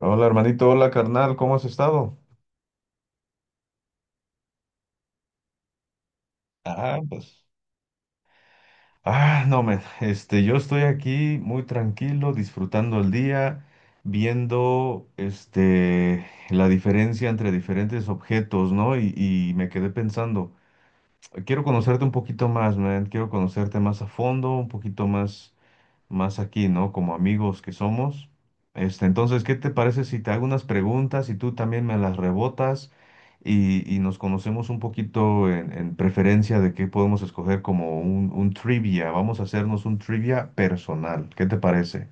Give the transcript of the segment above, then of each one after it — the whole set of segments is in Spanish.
Hola hermanito, hola carnal, ¿cómo has estado? Ah, pues, Ah, no, men, este, Yo estoy aquí muy tranquilo, disfrutando el día, viendo, la diferencia entre diferentes objetos, ¿no? Y me quedé pensando, quiero conocerte un poquito más, man, quiero conocerte más a fondo, un poquito más. Más aquí, ¿no? Como amigos que somos. Entonces, ¿qué te parece si te hago unas preguntas y tú también me las rebotas y nos conocemos un poquito en preferencia de qué podemos escoger como un trivia? Vamos a hacernos un trivia personal. ¿Qué te parece?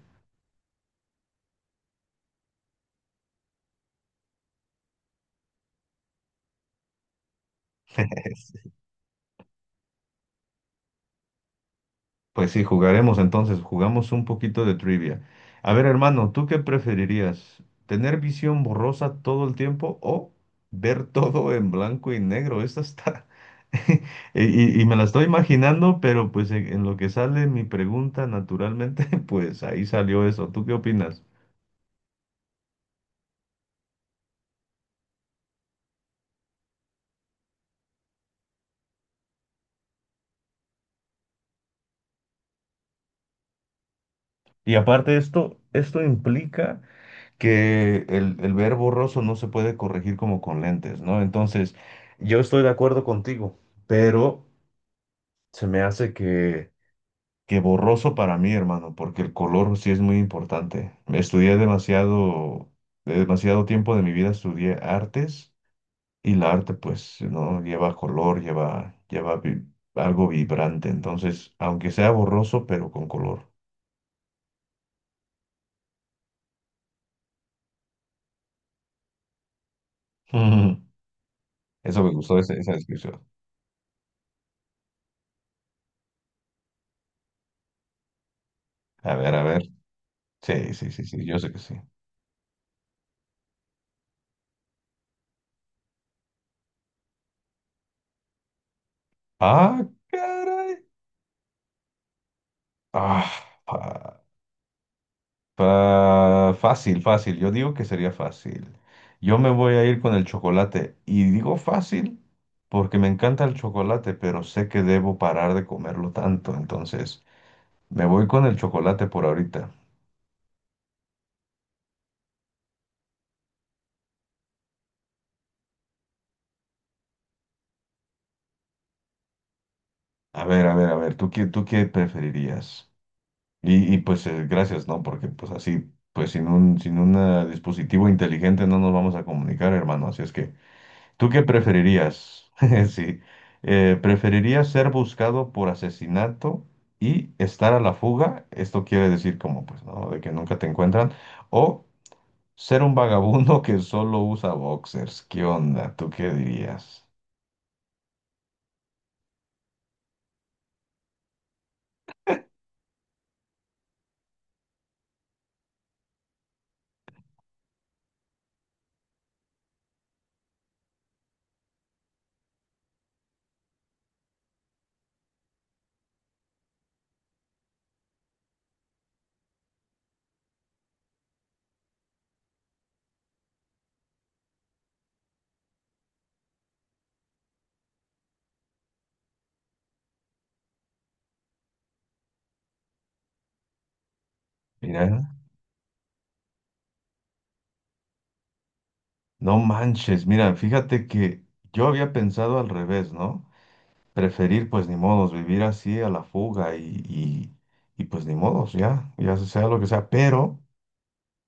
Pues sí, jugaremos entonces, jugamos un poquito de trivia. A ver, hermano, ¿tú qué preferirías? ¿Tener visión borrosa todo el tiempo o ver todo en blanco y negro? Esta está... Y me la estoy imaginando, pero pues en lo que sale mi pregunta, naturalmente, pues ahí salió eso. ¿Tú qué opinas? Y aparte esto, esto implica que el ver borroso no se puede corregir como con lentes, ¿no? Entonces, yo estoy de acuerdo contigo, pero... Se me hace que borroso para mí, hermano, porque el color sí es muy importante. Estudié demasiado, demasiado tiempo de mi vida estudié artes y la arte pues no lleva color, lleva algo vibrante. Entonces, aunque sea borroso, pero con color. Eso me gustó esa descripción. A ver, a ver. Sí, sí, sí, sí, yo sé que sí. Ah, caray. Ah, fácil, fácil. Yo digo que sería fácil. Yo me voy a ir con el chocolate. Y digo fácil porque me encanta el chocolate, pero sé que debo parar de comerlo tanto. Entonces, me voy con el chocolate por ahorita. A ver, a ver, a ver, tú qué preferirías? Gracias, ¿no? Porque pues así, pues sin un dispositivo inteligente no nos vamos a comunicar, hermano. Así es que ¿tú qué preferirías? Sí. ¿Preferirías ser buscado por asesinato y estar a la fuga? Esto quiere decir como, pues, ¿no? De que nunca te encuentran. O ser un vagabundo que solo usa boxers. ¿Qué onda? ¿Tú qué dirías? Mira, no manches. Mira, fíjate que yo había pensado al revés, ¿no? Preferir, pues, ni modos, vivir así a la fuga y pues, ni modos, ya, ya sea lo que sea. Pero...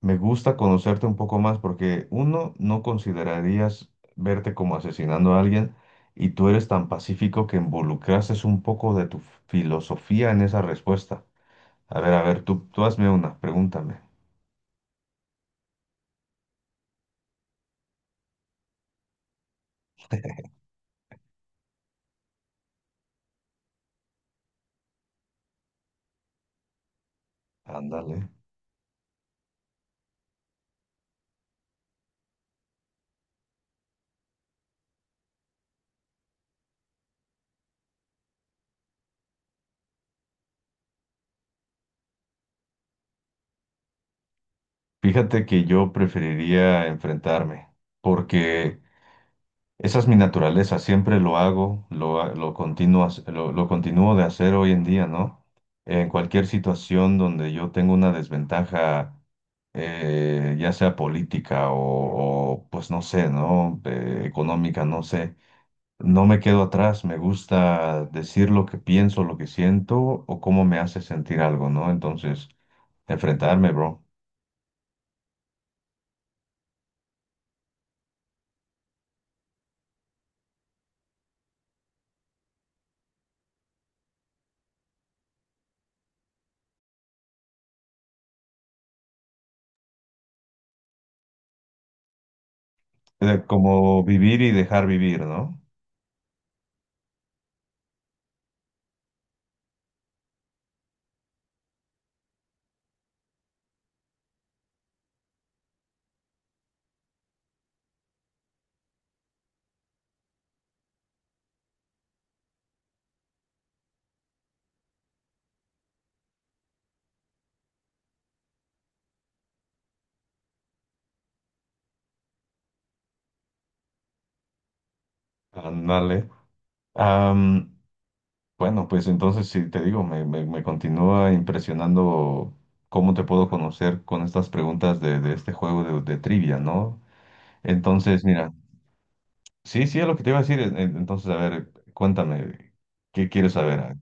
Me gusta conocerte un poco más porque uno, no considerarías verte como asesinando a alguien y tú eres tan pacífico que involucraste un poco de tu filosofía en esa respuesta. A ver, tú hazme una, pregúntame. Ándale. Fíjate que yo preferiría enfrentarme porque esa es mi naturaleza, siempre lo hago, lo continúo de hacer hoy en día, ¿no? En cualquier situación donde yo tengo una desventaja, ya sea política pues no sé, ¿no? Económica, no sé, no me quedo atrás, me gusta decir lo que pienso, lo que siento o cómo me hace sentir algo, ¿no? Entonces, enfrentarme, bro. Como vivir y dejar vivir, ¿no? Ándale. Bueno, pues entonces sí, te digo, me continúa impresionando cómo te puedo conocer con estas preguntas de este juego de trivia, ¿no? Entonces, mira, sí, sí, es lo que te iba a decir. Entonces, a ver, cuéntame, ¿qué quieres saber?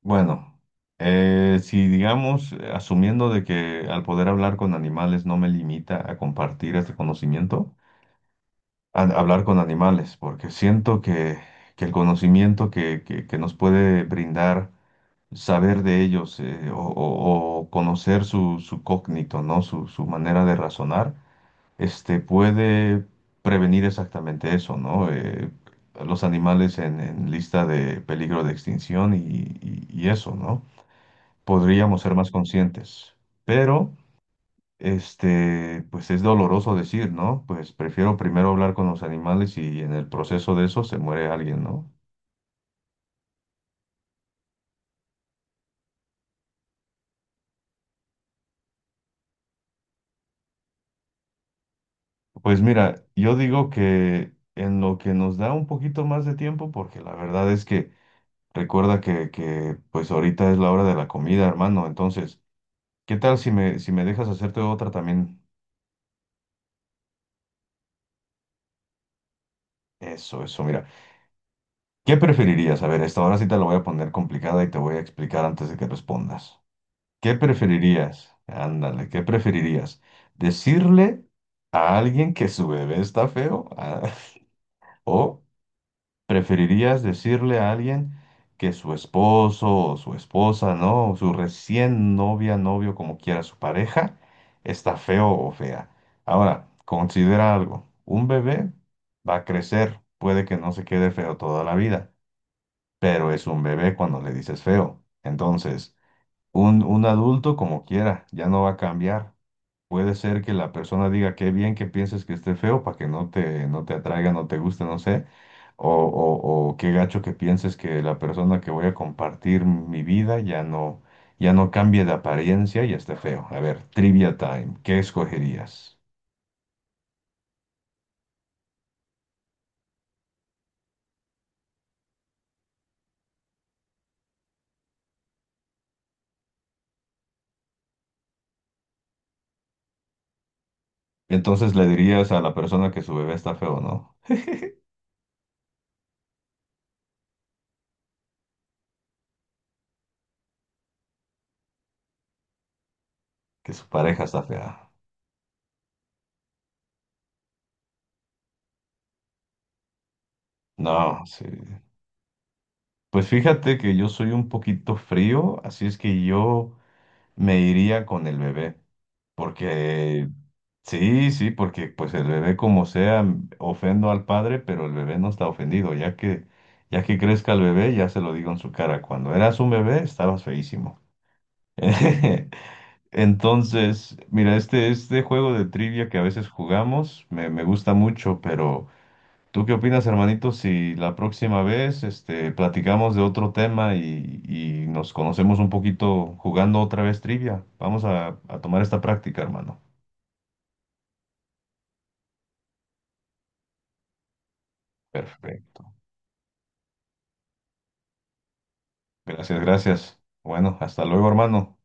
Bueno, si digamos, asumiendo de que al poder hablar con animales no me limita a compartir este conocimiento, hablar con animales, porque siento que el conocimiento que nos puede brindar saber de ellos o conocer su cógnito, ¿no? Su manera de razonar, puede prevenir exactamente eso, ¿no? Los animales en lista de peligro de extinción y eso, ¿no? Podríamos ser más conscientes, pero, pues es doloroso decir, ¿no? Pues prefiero primero hablar con los animales y en el proceso de eso se muere alguien, ¿no? Pues mira, yo digo que en lo que nos da un poquito más de tiempo, porque la verdad es que recuerda que pues ahorita es la hora de la comida, hermano. Entonces, ¿qué tal si me dejas hacerte otra también? Eso, mira. ¿Qué preferirías? A ver, esta ahora sí te la voy a poner complicada y te voy a explicar antes de que respondas. ¿Qué preferirías? Ándale, ¿qué preferirías? ¿Decirle a alguien que su bebé está feo? ¿O ¿preferirías decirle a alguien que su esposo o su esposa, ¿no? O su recién novia, novio, como quiera su pareja, está feo o fea? Ahora, considera algo. Un bebé va a crecer, puede que no se quede feo toda la vida, pero es un bebé cuando le dices feo. Entonces, un adulto como quiera, ya no va a cambiar. Puede ser que la persona diga qué bien que pienses que esté feo para que no te atraiga, no te guste, no sé. O qué gacho que pienses que la persona que voy a compartir mi vida ya no cambie de apariencia y esté feo. A ver, trivia time, ¿qué escogerías? Entonces le dirías a la persona que su bebé está feo, ¿no? Que su pareja está fea. No, sí. Pues fíjate que yo soy un poquito frío, así es que yo me iría con el bebé. Porque, sí, sí, porque pues el bebé como sea, ofendo al padre, pero el bebé no está ofendido, ya que crezca el bebé, ya se lo digo en su cara, cuando eras un bebé estabas feísimo. Entonces, mira, este juego de trivia que a veces jugamos me gusta mucho, pero ¿tú qué opinas, hermanito, si la próxima vez platicamos de otro tema y nos conocemos un poquito jugando otra vez trivia? Vamos a tomar esta práctica, hermano. Perfecto. Gracias, gracias. Bueno, hasta luego, hermano.